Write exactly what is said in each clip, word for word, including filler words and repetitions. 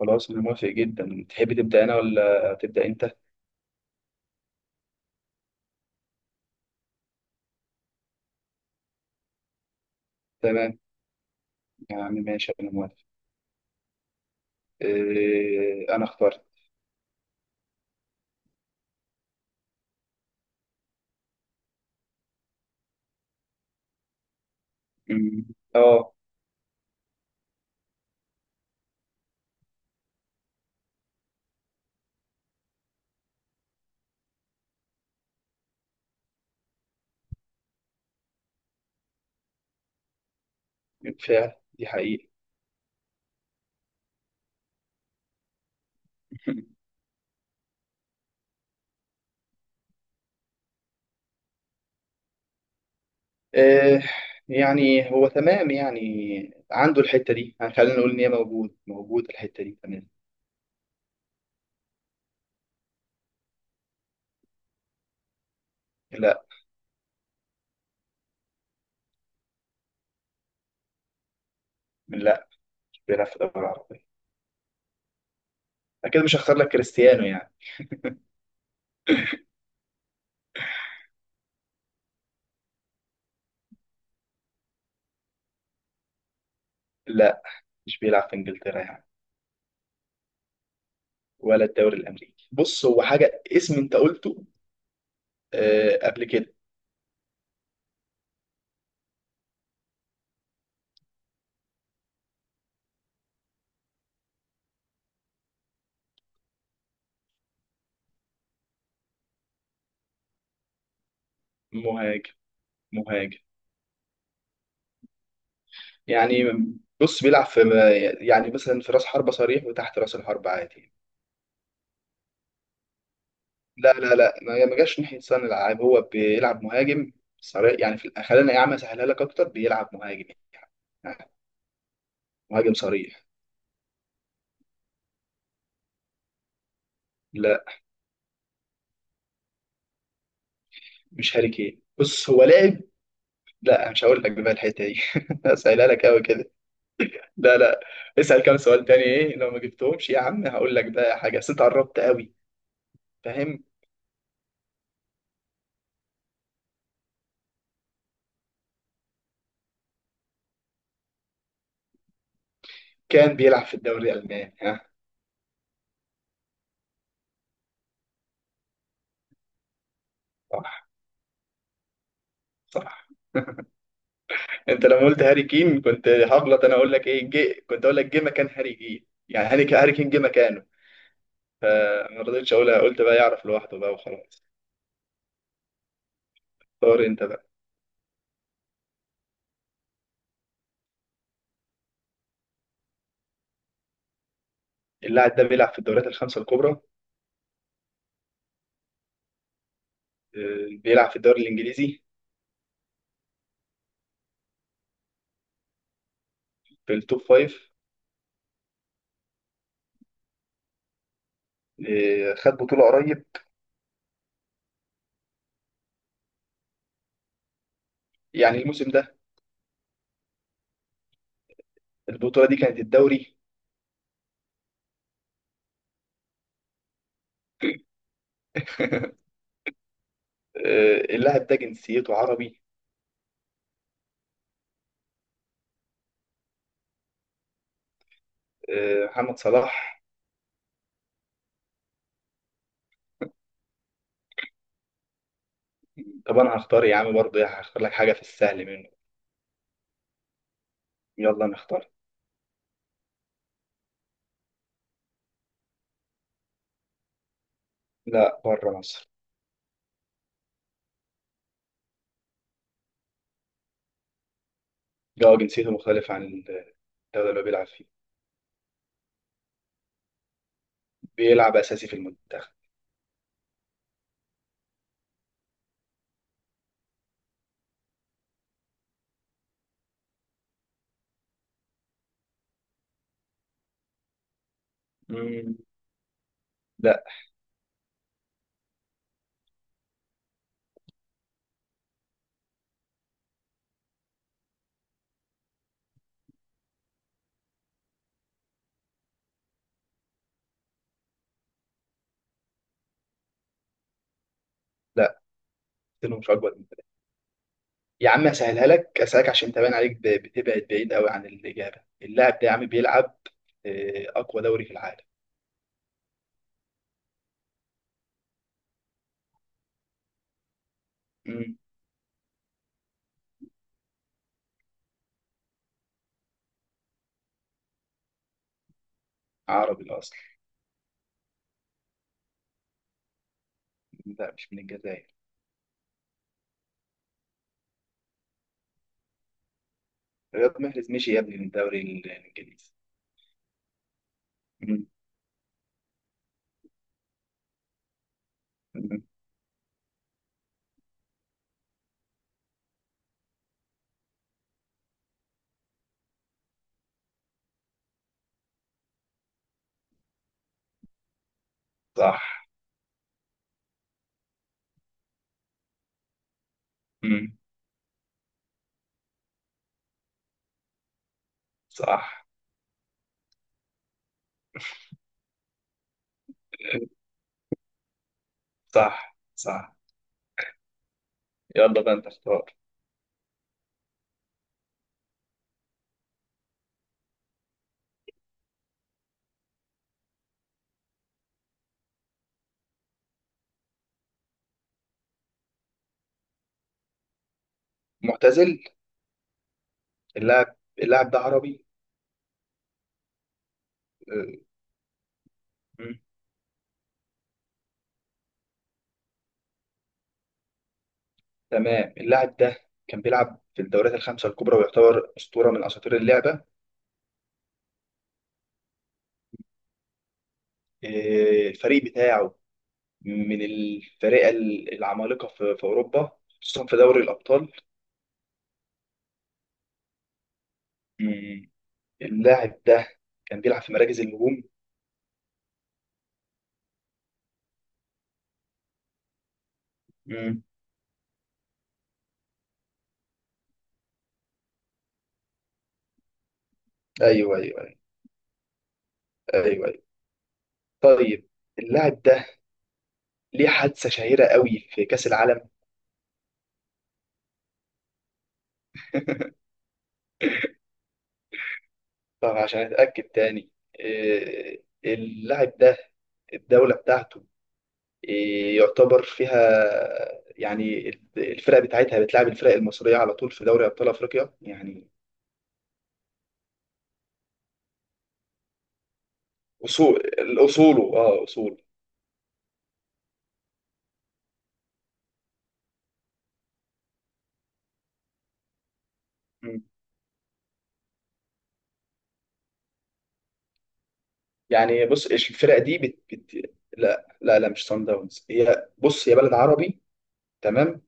خلاص أنا موافق جدا. تحب تبدأ أنا ولا تبدأ أنت؟ تمام. يا عم ماشي أنا موافق. إيه أنا اخترت. أمم، آه. بالفعل دي حقيقة. إيه يعني، هو تمام يعني. عنده الحتة دي، يعني خلينا نقول إن هي موجود موجود الحتة دي، تمام. لا لا، مش بيلعب في الدوري العربي، أكيد مش هختار لك كريستيانو يعني. لا مش بيلعب في إنجلترا يعني، ولا الدوري الأمريكي. بص هو حاجة اسم أنت قلته آه، قبل كده. مهاجم، مهاجم يعني. بص بيلعب في، يعني مثلا في راس حربة صريح وتحت راس الحربة عادي. لا لا لا، ما ما جاش ناحية صانع الألعاب، هو بيلعب مهاجم صريح يعني في الأ- خلينا يا عم أسهلها لك أكتر، بيلعب مهاجم يعني، مهاجم صريح. لا مش هاري كين، بص هو لاعب. لا مش هقول لك بقى الحتة دي، أسهلها لك أوي كده. لا لا، اسأل كام سؤال تاني، إيه لو ما جبتهمش يا عم هقول لك بقى حاجة، بس أنت قربت أوي، فاهم. كان بيلعب في الدوري الألماني، ها. صح، صح. انت لما قلت هاري كين كنت هغلط، انا اقول لك ايه، جي كنت اقول لك جه مكان هاري كين، يعني هاري كين هاري كين جه مكانه، فما رضيتش اقولها، قلت بقى يعرف لوحده بقى وخلاص. اختار انت بقى. اللاعب ده بيلعب في الدوريات الخمسه الكبرى. آه، بيلعب في الدوري الانجليزي، في التوب فايف. آه، خد بطوله قريب، يعني الموسم ده. البطوله دي كانت الدوري. آه، اللاعب ده جنسيته عربي. آه، محمد صلاح. طب انا هختار يا عم برضه يعني، هختار لك حاجه في السهل منه. يلا نختار. لا بره مصر. اه جنسيته مختلف عن الدولة اللي هو بيلعب فيها. بيلعب أساسي في المنتخب. مم. لا. لا، سنه مش أكبر من كده. يا عم أسهلها لك، أسألك عشان تبان عليك ب- بتبعد بعيد قوي عن الإجابة. اللاعب ده يا عم بيلعب في أقوى دوري في العالم. مم. عربي الأصل. لا مش من الجزائر. رياض محرز، مشي يا ابني، من الدوري ال- الإنجليزي. مم. مم. صح. مم. صح، صح، صح. يلا بقى أنت اختار. معتزل. اللاعب اللاعب ده عربي. تمام. اللاعب ده كان بيلعب في الدوريات الخمسة الكبرى، ويعتبر أسطورة من أساطير اللعبة. إيه، الفريق بتاعه من الفرق ال- العمالقة في في أوروبا، خصوصا في دوري الأبطال. مم. اللاعب ده كان بيلعب في مراكز الهجوم. مم. أيوه أيوه أيوه أيوه أيوه طيب. اللاعب ده ليه حادثة شهيرة قوي في كأس العالم. طب عشان أتأكد تاني، إيه، اللاعب ده الدولة بتاعته يعتبر فيها، يعني الفرق بتاعتها بتلعب، الفرق المصرية على طول في دوري أبطال أفريقيا يعني. أصول، أصوله أه أصول مم. يعني بص، إيش الفرق دي بت... بت... لا لا لا مش صن داونز. هي بص، هي بلد عربي، تمام.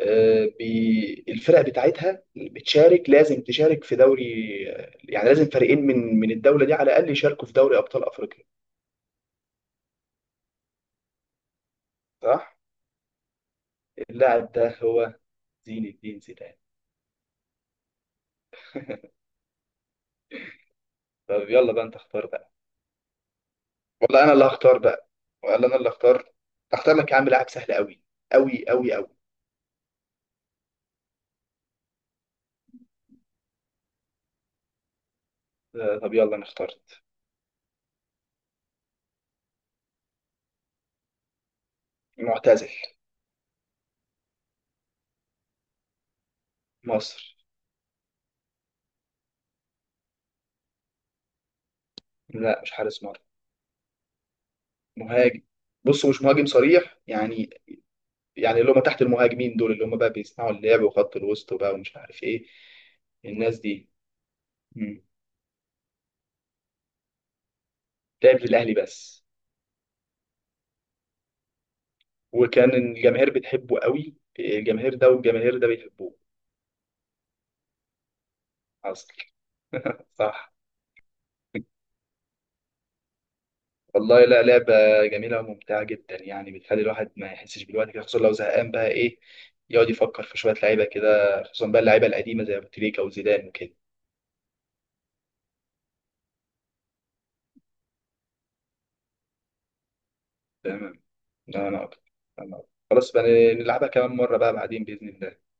آه بي... الفرق بتاعتها بتشارك، لازم تشارك في دوري، يعني لازم فريقين من من الدولة دي على الأقل يشاركوا في دوري أبطال أفريقيا، صح؟ اللاعب ده هو زين الدين زيدان. طب يلا بقى أنت اختار بقى. والله انا اللي هختار بقى، ولا انا اللي اختار. هختار لك يا عم لاعب سهل قوي، قوي، قوي، قوي. آه، طب يلا انا اخترت. معتزل. مصر. لا مش حارس مرمى. مهاجم. بص مش مهاجم صريح يعني، يعني اللي هم تحت المهاجمين دول، اللي هم بقى بيصنعوا اللعب وخط الوسط وبقى ومش عارف ايه، الناس دي. مم. لعب للاهلي بس. وكان الجماهير بتحبه قوي، الجماهير ده والجماهير ده بيحبوه. حصل، صح. والله لا، لعبة جميلة وممتعة جدا يعني، بتخلي الواحد ما يحسش بالوقت كده، خصوصا لو زهقان بقى، إيه، يقعد يفكر في شوية لعيبة كده، خصوصا بقى اللعيبة القديمة زي أبو تريكة وزيدان وكده. تمام. لا أنا أكتر، أنا أكتر. خلاص بقى، نلعبها كمان مرة بقى بعدين بإذن الله.